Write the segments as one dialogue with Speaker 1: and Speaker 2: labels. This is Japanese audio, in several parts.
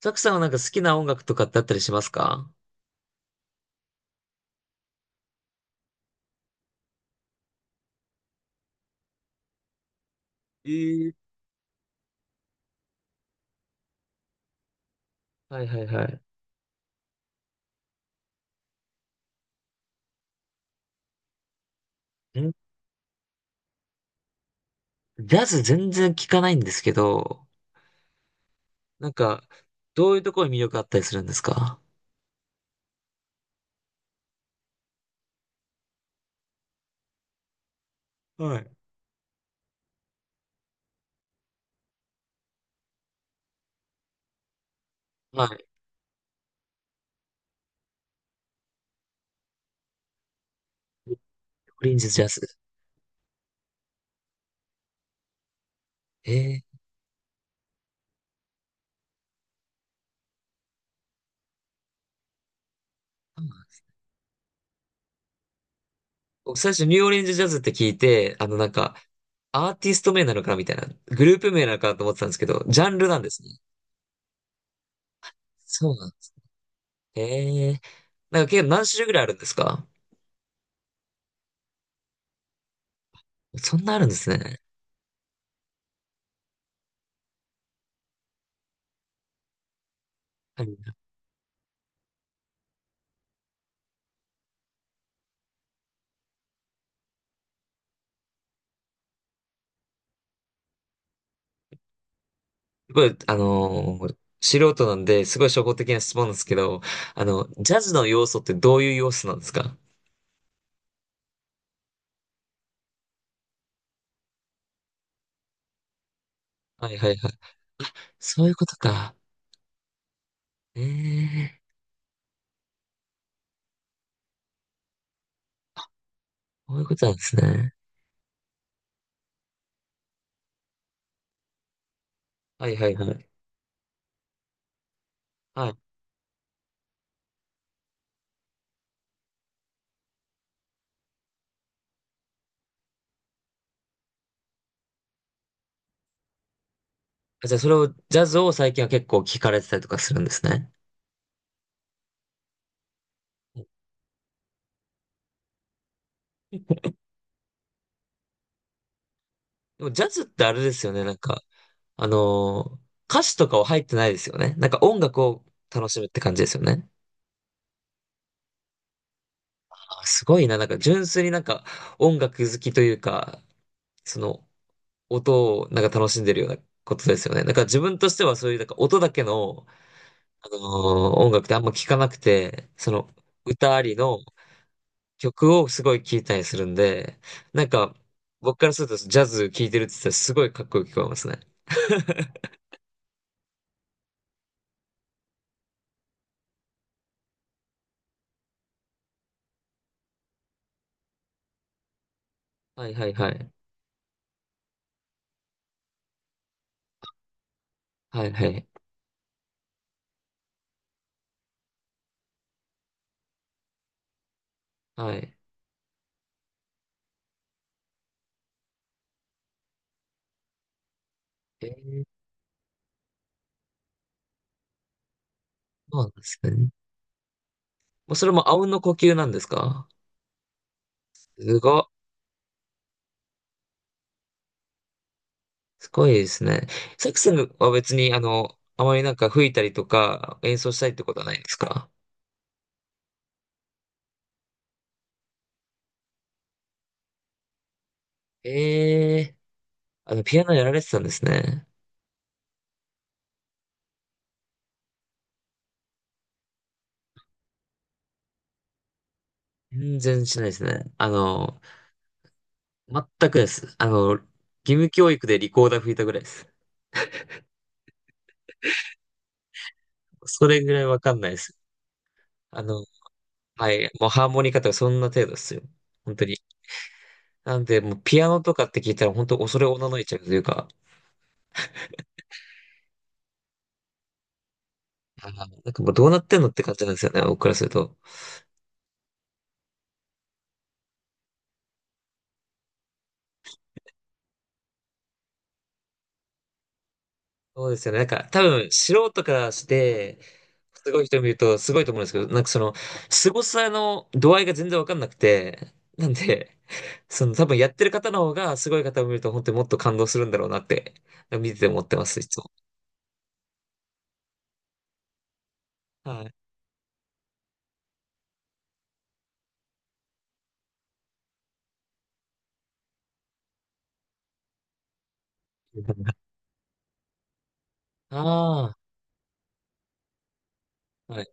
Speaker 1: ザクさんはなんか好きな音楽とかってあったりしますか？はいはいはい。んジャズ全然聞かないんですけど、なんか、どういうところに魅力あったりするんですか？はい。はい。ニューオリンズジャズ。ええ僕最初ニューオリンズジャズって聞いて、アーティスト名なのかなみたいな、グループ名なのかなと思ってたんですけど、ジャンルなんですね。そうなんです。ええなんか結構何種類ぐらいあるんですか？そんなあるんですね。はいすごい、素人なんで、すごい初歩的な質問なんですけど、あの、ジャズの要素ってどういう要素なんですか？はいはいはい。そういうことか。ええー、そういうことなんですね。はいはいはい。はい。あじゃあ、それを、ジャズを最近は結構聞かれてたりとかするんですね。でも、ジャズってあれですよね、あのー歌詞とかは入ってないですよね。なんか音楽を楽しむって感じですよね。あ、すごいな、なんか純粋になんか音楽好きというか、その音をなんか楽しんでるようなことですよね。だから自分としてはそういうなんか音だけの、あのー音楽ってあんま聞かなくて、その歌ありの曲をすごい聞いたりするんで、なんか僕からするとジャズ聞いてるって言ったらすごいかっこよく聞こえますね。はいはいはい。はいはい。はい。えー、そうなんですね。もうそれもあうんの呼吸なんですか？すご、すごいですね。サックスは別にあの、あまりなんか吹いたりとか演奏したりってことはないんですか？ええーあの、ピアノやられてたんですね。全然しないですね。あの、全くです。あの、義務教育でリコーダー吹いたぐらいです。それぐらいわかんないです。あの、はい、もうハーモニカとかそんな程度ですよ。本当に。なんで、もうピアノとかって聞いたら本当恐れおののいちゃうというか、あーなんかもうどうなってんのって感じなんですよね、僕からすると。そうですよね。なんか、多分、素人からして、すごい人見ると、すごいと思うんですけど、なんかその、凄さの度合いが全然わかんなくて、なんで、その、多分やってる方の方が、すごい方を見ると、本当にもっと感動するんだろうなって、見てて思ってます、いつも。はい。ああ、はい、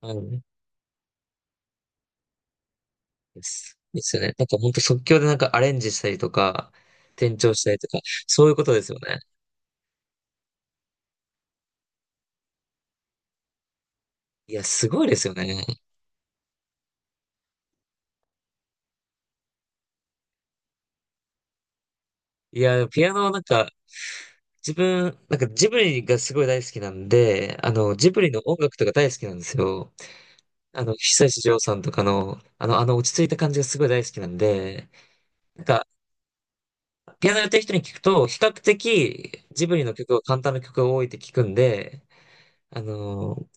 Speaker 1: はい。です。ですよね。なんか本当即興でなんかアレンジしたりとか、転調したりとか、そういうことですよね。いや、すごいですよね。いや、ピアノはなんか、自分、なんかジブリがすごい大好きなんで、あの、ジブリの音楽とか大好きなんですよ。あの、久石譲さんとかの、あの落ち着いた感じがすごい大好きなんで、なんか、ピアノやってる人に聞くと、比較的ジブリの曲は簡単な曲が多いって聞くんで、あの、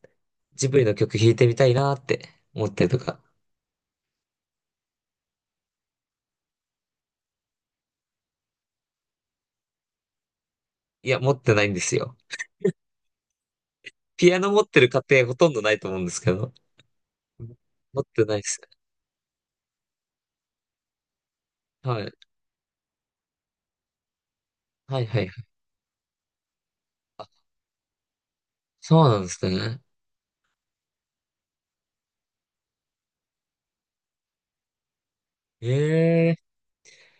Speaker 1: ジブリの曲弾いてみたいなって思ったりとか。いや、持ってないんですよ。ピアノ持ってる家庭ほとんどないと思うんですけど。持ってないです。はい。はいはいはい。あ、そうなんですね。ええ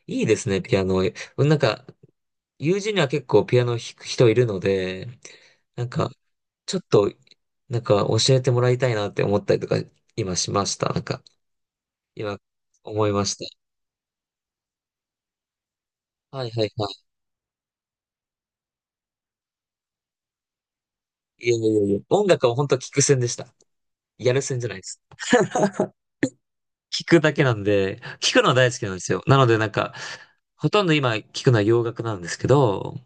Speaker 1: いいですね、ピアノ。なんか、友人には結構ピアノ弾く人いるので、なんか、ちょっと、なんか教えてもらいたいなって思ったりとか、今しました。なんか、今、思いました。はいはいはい。いやいやいや、音楽は本当聞く専でした。やる専じゃないです。聞くだけなんで、聞くのは大好きなんですよ。なのでなんか、ほとんど今聞くのは洋楽なんですけど、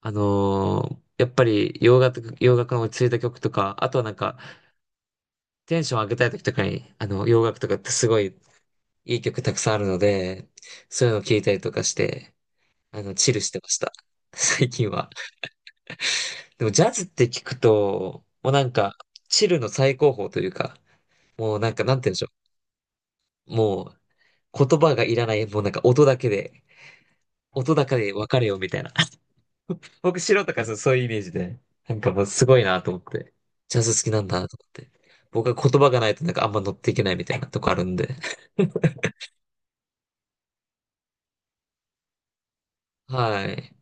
Speaker 1: やっぱり洋楽の落ち着いた曲とか、あとはなんか、テンション上げたい時とかに、あの、洋楽とかってすごいいい曲たくさんあるので、そういうのを聞いたりとかして、あの、チルしてました。最近は。でもジャズって聞くと、もうなんか、チルの最高峰というか、もうなんか、なんて言うんでしょう。もう、言葉がいらない、もうなんか音だけで、音だけで分かれよみたいな。僕、白とかそうそういうイメージで、なんかもうすごいなと思って、ジャズ好きなんだなと思って。僕は言葉がないとなんかあんま乗っていけないみたいなとこあるんで。はい。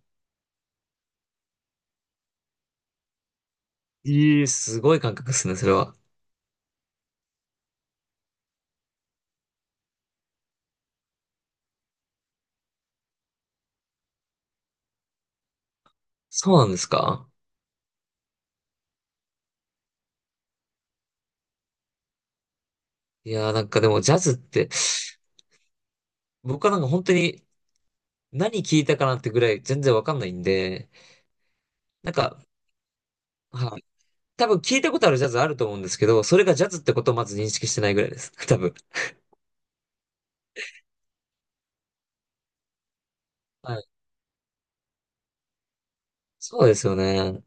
Speaker 1: ええ、すごい感覚ですね、それは。そうなんですか？いやーなんかでもジャズって、僕はなんか本当に何聞いたかなってぐらい全然わかんないんで、なんか、はい。多分聞いたことあるジャズあると思うんですけど、それがジャズってことをまず認識してないぐらいです。多分。はい。そうですよね。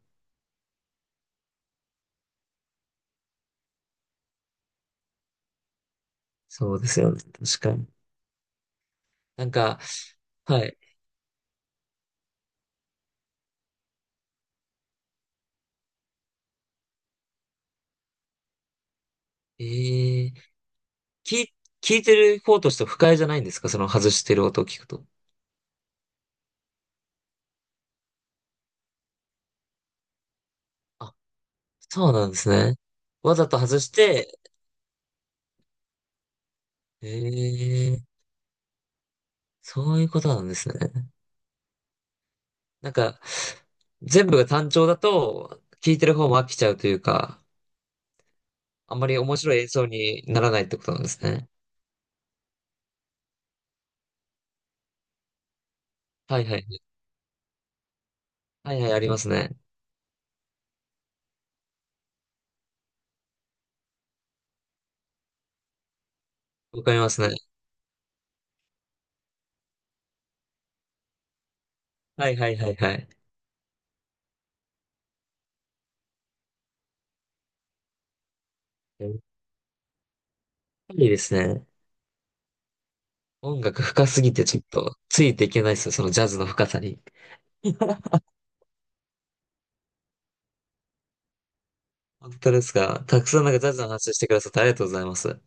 Speaker 1: そうですよね。確かに。なんか、はい。ええ、聞い、聞いてる方としては不快じゃないんですか？その外してる音を聞くと。あ、そうなんですね。わざと外して、ええそういうことなんですね。なんか、全部が単調だと、聞いてる方も飽きちゃうというか、あんまり面白い演奏にならないってことなんですね。はいはい。はいはい、ありますね。わかりますね。はいはいはいはい。やっぱりですね。音楽深すぎてちょっとついていけないですよ、そのジャズの深さに。本当ですか。たくさんなんかジャズの話してくださってありがとうございます。